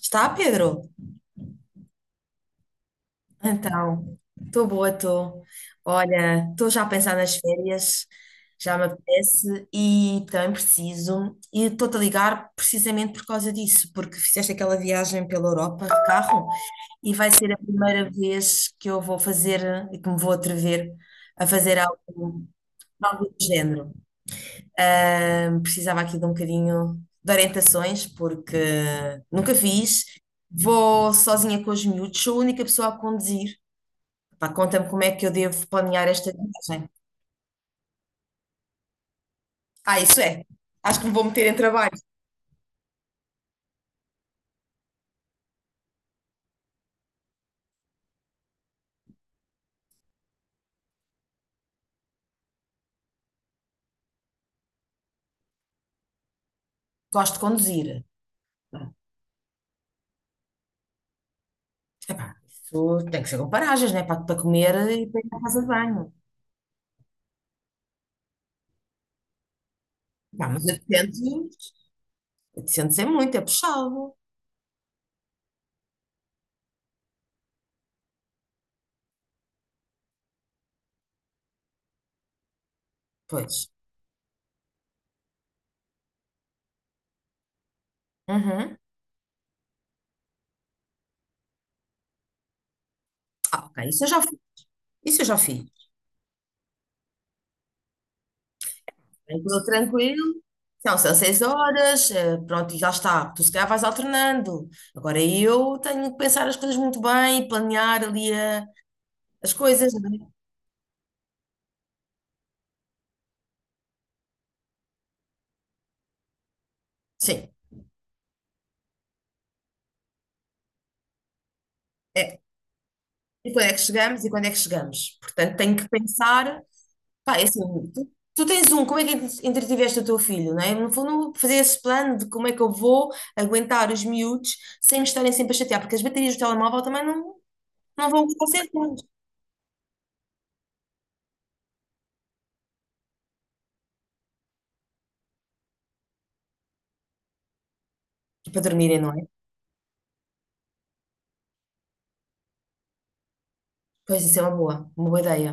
Está, Pedro? Então, estou boa, estou. Olha, estou já a pensar nas férias, já me apetece e também preciso. E estou-te a ligar precisamente por causa disso, porque fizeste aquela viagem pela Europa de carro e vai ser a primeira vez que eu vou fazer e que me vou atrever a fazer algo, algo do género. Precisava aqui de um bocadinho de orientações, porque nunca fiz. Vou sozinha com os miúdos, sou a única pessoa a conduzir. Pá, conta-me como é que eu devo planear esta viagem. Ah, isso é. Acho que me vou meter em trabalho. Gosto de conduzir. Epá, isso tem que ser com paragens, né? Para comer e para ir para casa de banho. Pá, mas 800, 800 é muito, é puxado. Pois. Uhum. Ah, ok. Isso eu já fiz. Isso eu já fiz. Tranquilo, tranquilo. Então, são 6 horas, pronto, e já está. Tu se calhar vais alternando. Agora eu tenho que pensar as coisas muito bem, e planear ali as coisas, não é? Sim, é. E quando é que chegamos e quando é que chegamos? Portanto, tenho que pensar. Pá, é assim, tu, tu tens um, como é que entretiveste o teu filho, não é? No fundo, fazer esse plano de como é que eu vou aguentar os miúdos sem me estarem sempre a chatear, porque as baterias do telemóvel também não, não vão estar sempre E para dormirem, não é? Pois isso é uma boa ideia.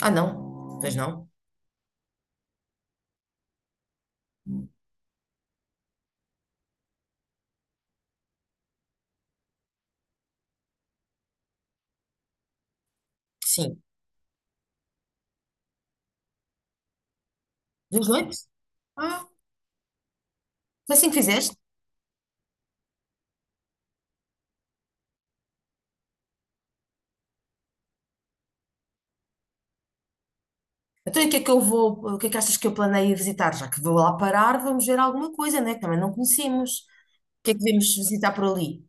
Ah, não. Pois não. Sim. Dos oito? Ah, foi assim que fizeste? Então, e o que é que achas que eu planeio visitar? Já que vou lá parar, vamos ver alguma coisa, né? Que também não conhecemos. O que é que devemos visitar por ali?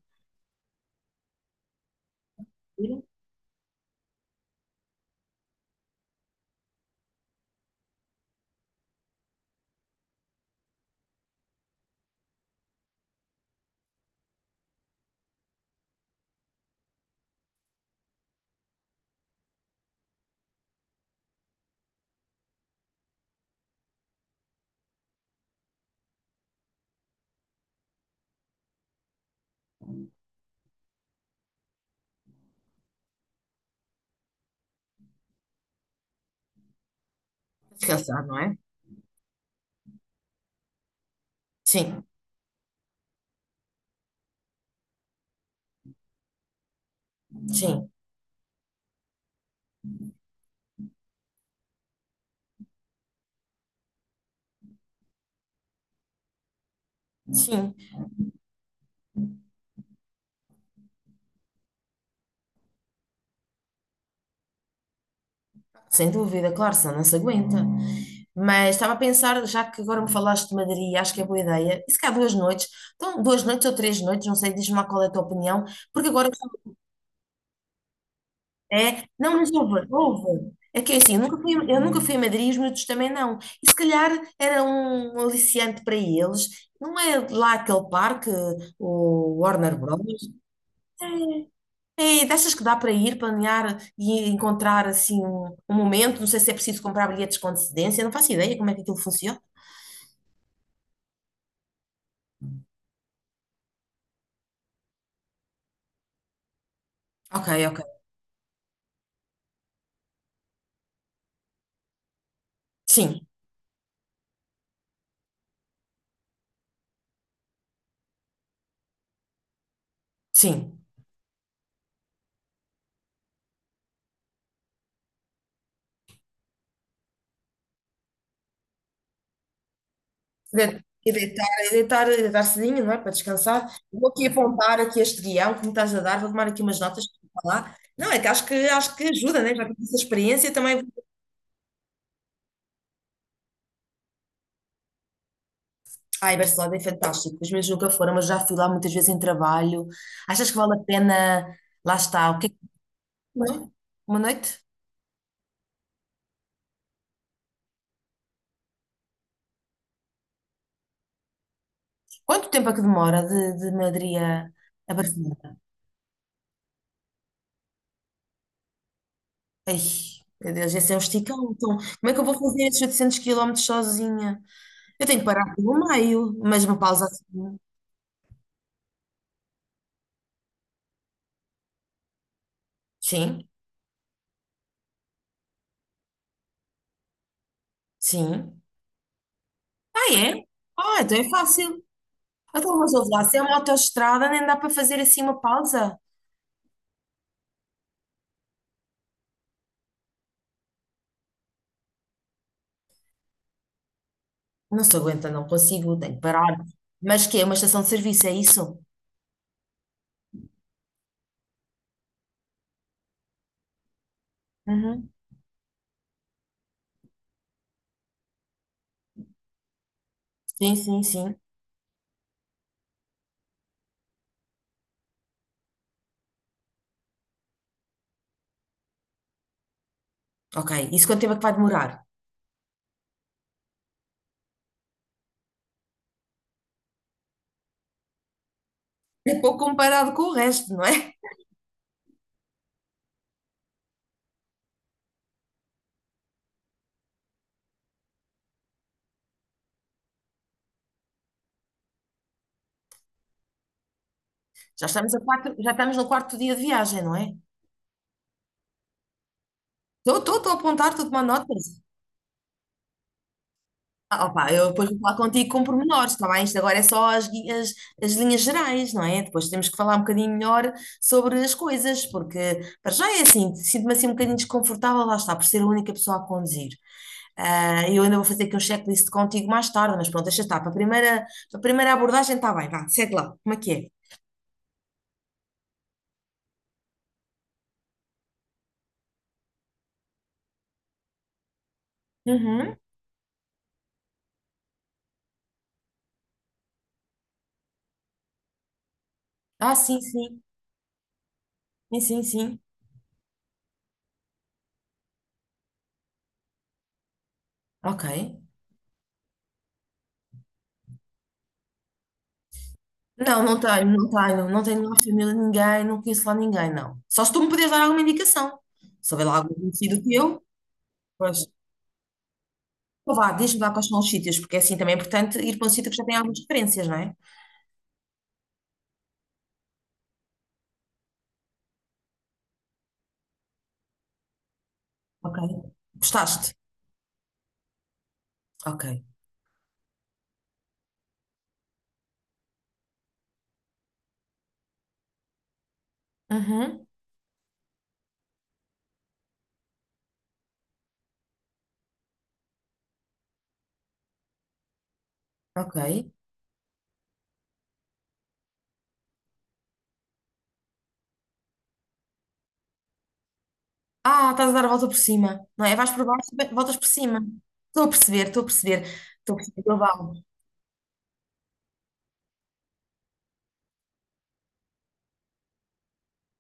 Descansar, não é? Sim, sim, sim. Sem dúvida, claro, senão não se aguenta. Mas estava a pensar, já que agora me falaste de Madrid, acho que é boa ideia. E se calhar duas noites, então duas noites ou três noites, não sei, diz-me lá qual é a tua opinião, porque agora É, não, mas houve. É que é assim, eu nunca fui a Madrid, os miúdos também não. E se calhar era um aliciante para eles. Não é lá aquele parque, o Warner Bros. É, dessas que dá para ir, planear e encontrar assim um momento. Não sei se é preciso comprar bilhetes com antecedência, não faço ideia como é que aquilo funciona. Ok, ok. Sim, sim. E deitar, e deitar, e deitar cedinho, não é? Para descansar. Vou aqui apontar aqui este guião que me estás a dar, vou tomar aqui umas notas para falar. Não, é que acho que ajuda, né? Já tive essa experiência também. Ai, Barcelona é fantástico. Os meus nunca foram, mas já fui lá muitas vezes em trabalho. Achas que vale a pena? Lá está. O que é que... não? Uma noite? Quanto tempo é que demora de Madrid a Barcelona? Ai, meu Deus, esse é um esticão. Então, como é que eu vou fazer esses 800 quilómetros sozinha? Eu tenho que parar pelo meio, mas uma pausa assim. Sim, sim. Ah, é? Ah, então é fácil. Então, mas ouve lá, se é uma autoestrada, nem dá para fazer assim uma pausa. Não se aguenta, não consigo, tenho que parar. Mas que é uma estação de serviço, é isso? Uhum. Sim, sim, sim. Ok, isso quanto tempo é que vai demorar? É pouco comparado com o resto, não é? Já estamos a quatro, já estamos no quarto dia de viagem, não é? Estou a apontar, estou a tomar notas. Ah, opa, eu depois vou falar contigo com pormenores, está bem? Isto agora é só as linhas gerais, não é? Depois temos que falar um bocadinho melhor sobre as coisas, porque para já é assim, sinto-me assim um bocadinho desconfortável, lá está, por ser a única pessoa a conduzir. Ah, eu ainda vou fazer aqui um checklist contigo mais tarde, mas pronto, deixa estar. Para a primeira abordagem está bem, vá, segue lá, como é que é? Uhum. Ah, sim, sim, sim, sim, sim. Ok. Não, não tenho lá família, ninguém, não conheço lá ninguém, não. Só se tu me podes dar alguma indicação. Se houver lá algum conhecido teu, pois. Então vá, diz-me lá quais são os sítios, porque é assim também é importante ir para um sítio que já tem algumas referências, não é? Ok. Gostaste? Ok. Uhum, ok. Ah, estás a dar a volta por cima, não é? Vais por baixo, voltas por cima. Estou a perceber, estou a perceber. Estou a perceber. Bilbao.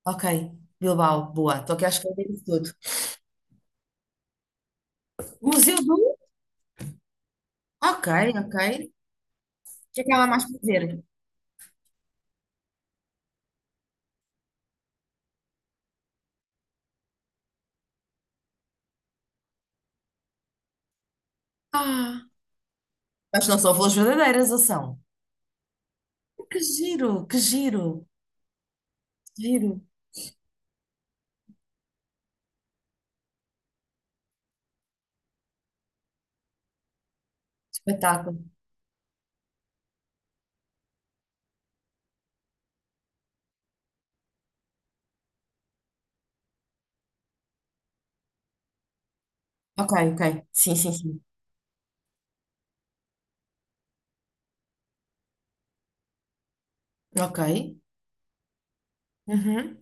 Ok, Bilbao, boa. Estou aqui à esquerda disso tudo. Museu do. Ok, ok. O que é que há lá mais para ver? Ah. Mas não são flores verdadeiras, ou são? Que giro, que giro, que giro. Espetáculo. Ok, ok. Sim, sim, sim. Ok. Uhum.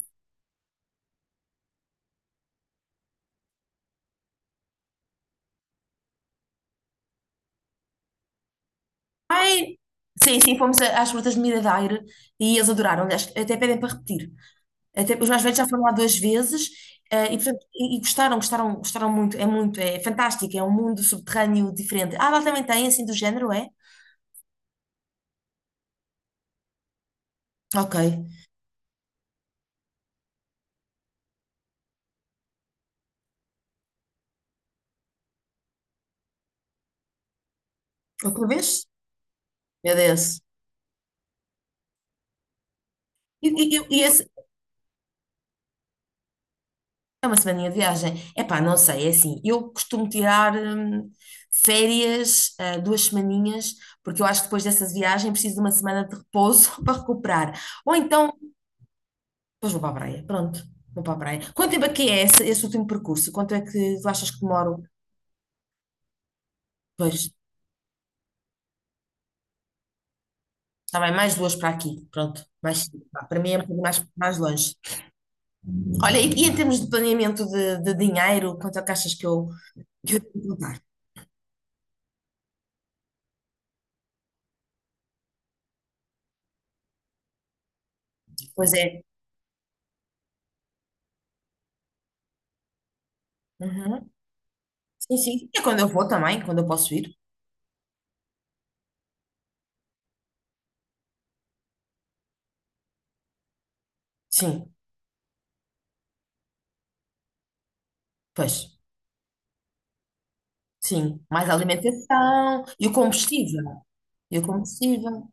Ai, sim, sim, fomos às frutas de Miradouro e eles adoraram. Aliás, até pedem para repetir. Até, os mais velhos já foram lá duas vezes, e, portanto, e gostaram, gostaram, gostaram muito. É muito, é fantástico, é um mundo subterrâneo diferente. Ah, lá também tem, assim, do género, é? Ok. Outra vez? É Deus. E, e, e- e esse- É uma semaninha de viagem. Epá, não sei, é assim. Eu costumo tirar férias, duas semaninhas, porque eu acho que depois dessa viagem preciso de uma semana de repouso para recuperar. Ou então, depois vou para a praia. Pronto, vou para a praia. Quanto tempo é que é esse último percurso? Quanto é que tu achas que demoro? Pois, está bem, mais duas para aqui. Pronto, mais, pá, para mim é um bocadinho mais longe. Olha, e em termos de planeamento de dinheiro, quanto é que achas que que eu tenho que contar? Pois é. Uhum. Sim, sim. É quando eu vou também, quando eu posso ir. Sim, pois, sim. Mais alimentação e o combustível. E o combustível.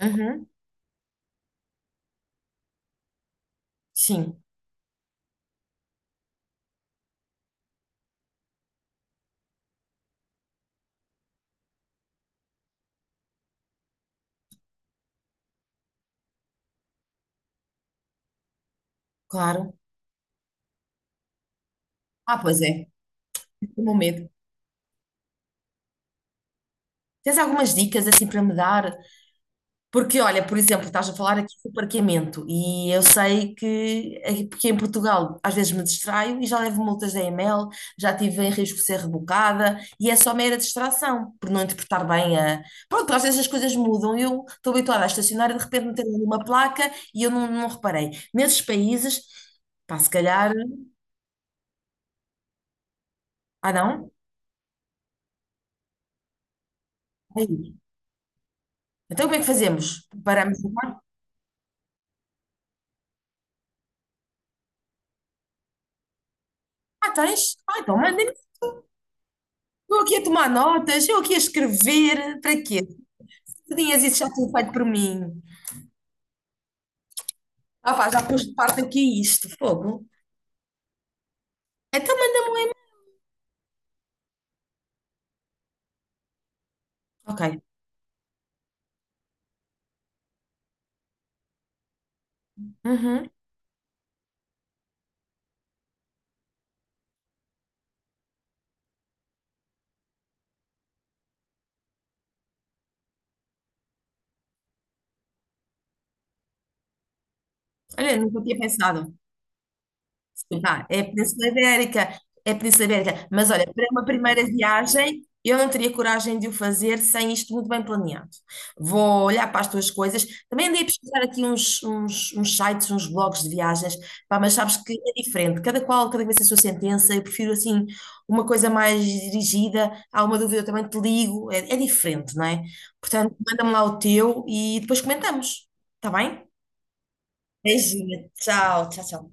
Uhum, sim, claro. Ah, pois é, tenho o meu medo. Tens algumas dicas assim para me dar? Porque, olha, por exemplo, estás a falar aqui do parqueamento e eu sei que aqui porque em Portugal às vezes me distraio e já levo multas da EML, já tive em risco de ser rebocada e é só mera distração, por não interpretar bem a... Pronto, às vezes as coisas mudam, eu estou habituada a estacionar e de repente meteram uma placa e eu não reparei. Nesses países, pá, se calhar... Ah, não? Aí. Então como é que fazemos? Paramos o carro? Ah, tens? Ah, então mandem-me. Eu aqui a tomar notas, eu aqui a escrever, para quê? Tu tinhas isso já tudo feito por mim. Ah pá, já pus de parte aqui isto, fogo. Então manda-me um e-mail. Ok. Uhum. Olha, nunca tinha pensado. Vá, é a Península Ibérica, é a Península Ibérica. Mas olha, para uma primeira viagem, eu não teria coragem de o fazer sem isto muito bem planeado. Vou olhar para as tuas coisas. Também andei a pesquisar aqui uns sites, uns blogs de viagens, pá, mas sabes que é diferente. Cada qual, cada vez a sua sentença. Eu prefiro assim uma coisa mais dirigida. Há uma dúvida, eu também te ligo. É diferente, não é? Portanto, manda-me lá o teu e depois comentamos. Está bem? Beijinho. Tchau, tchau, tchau.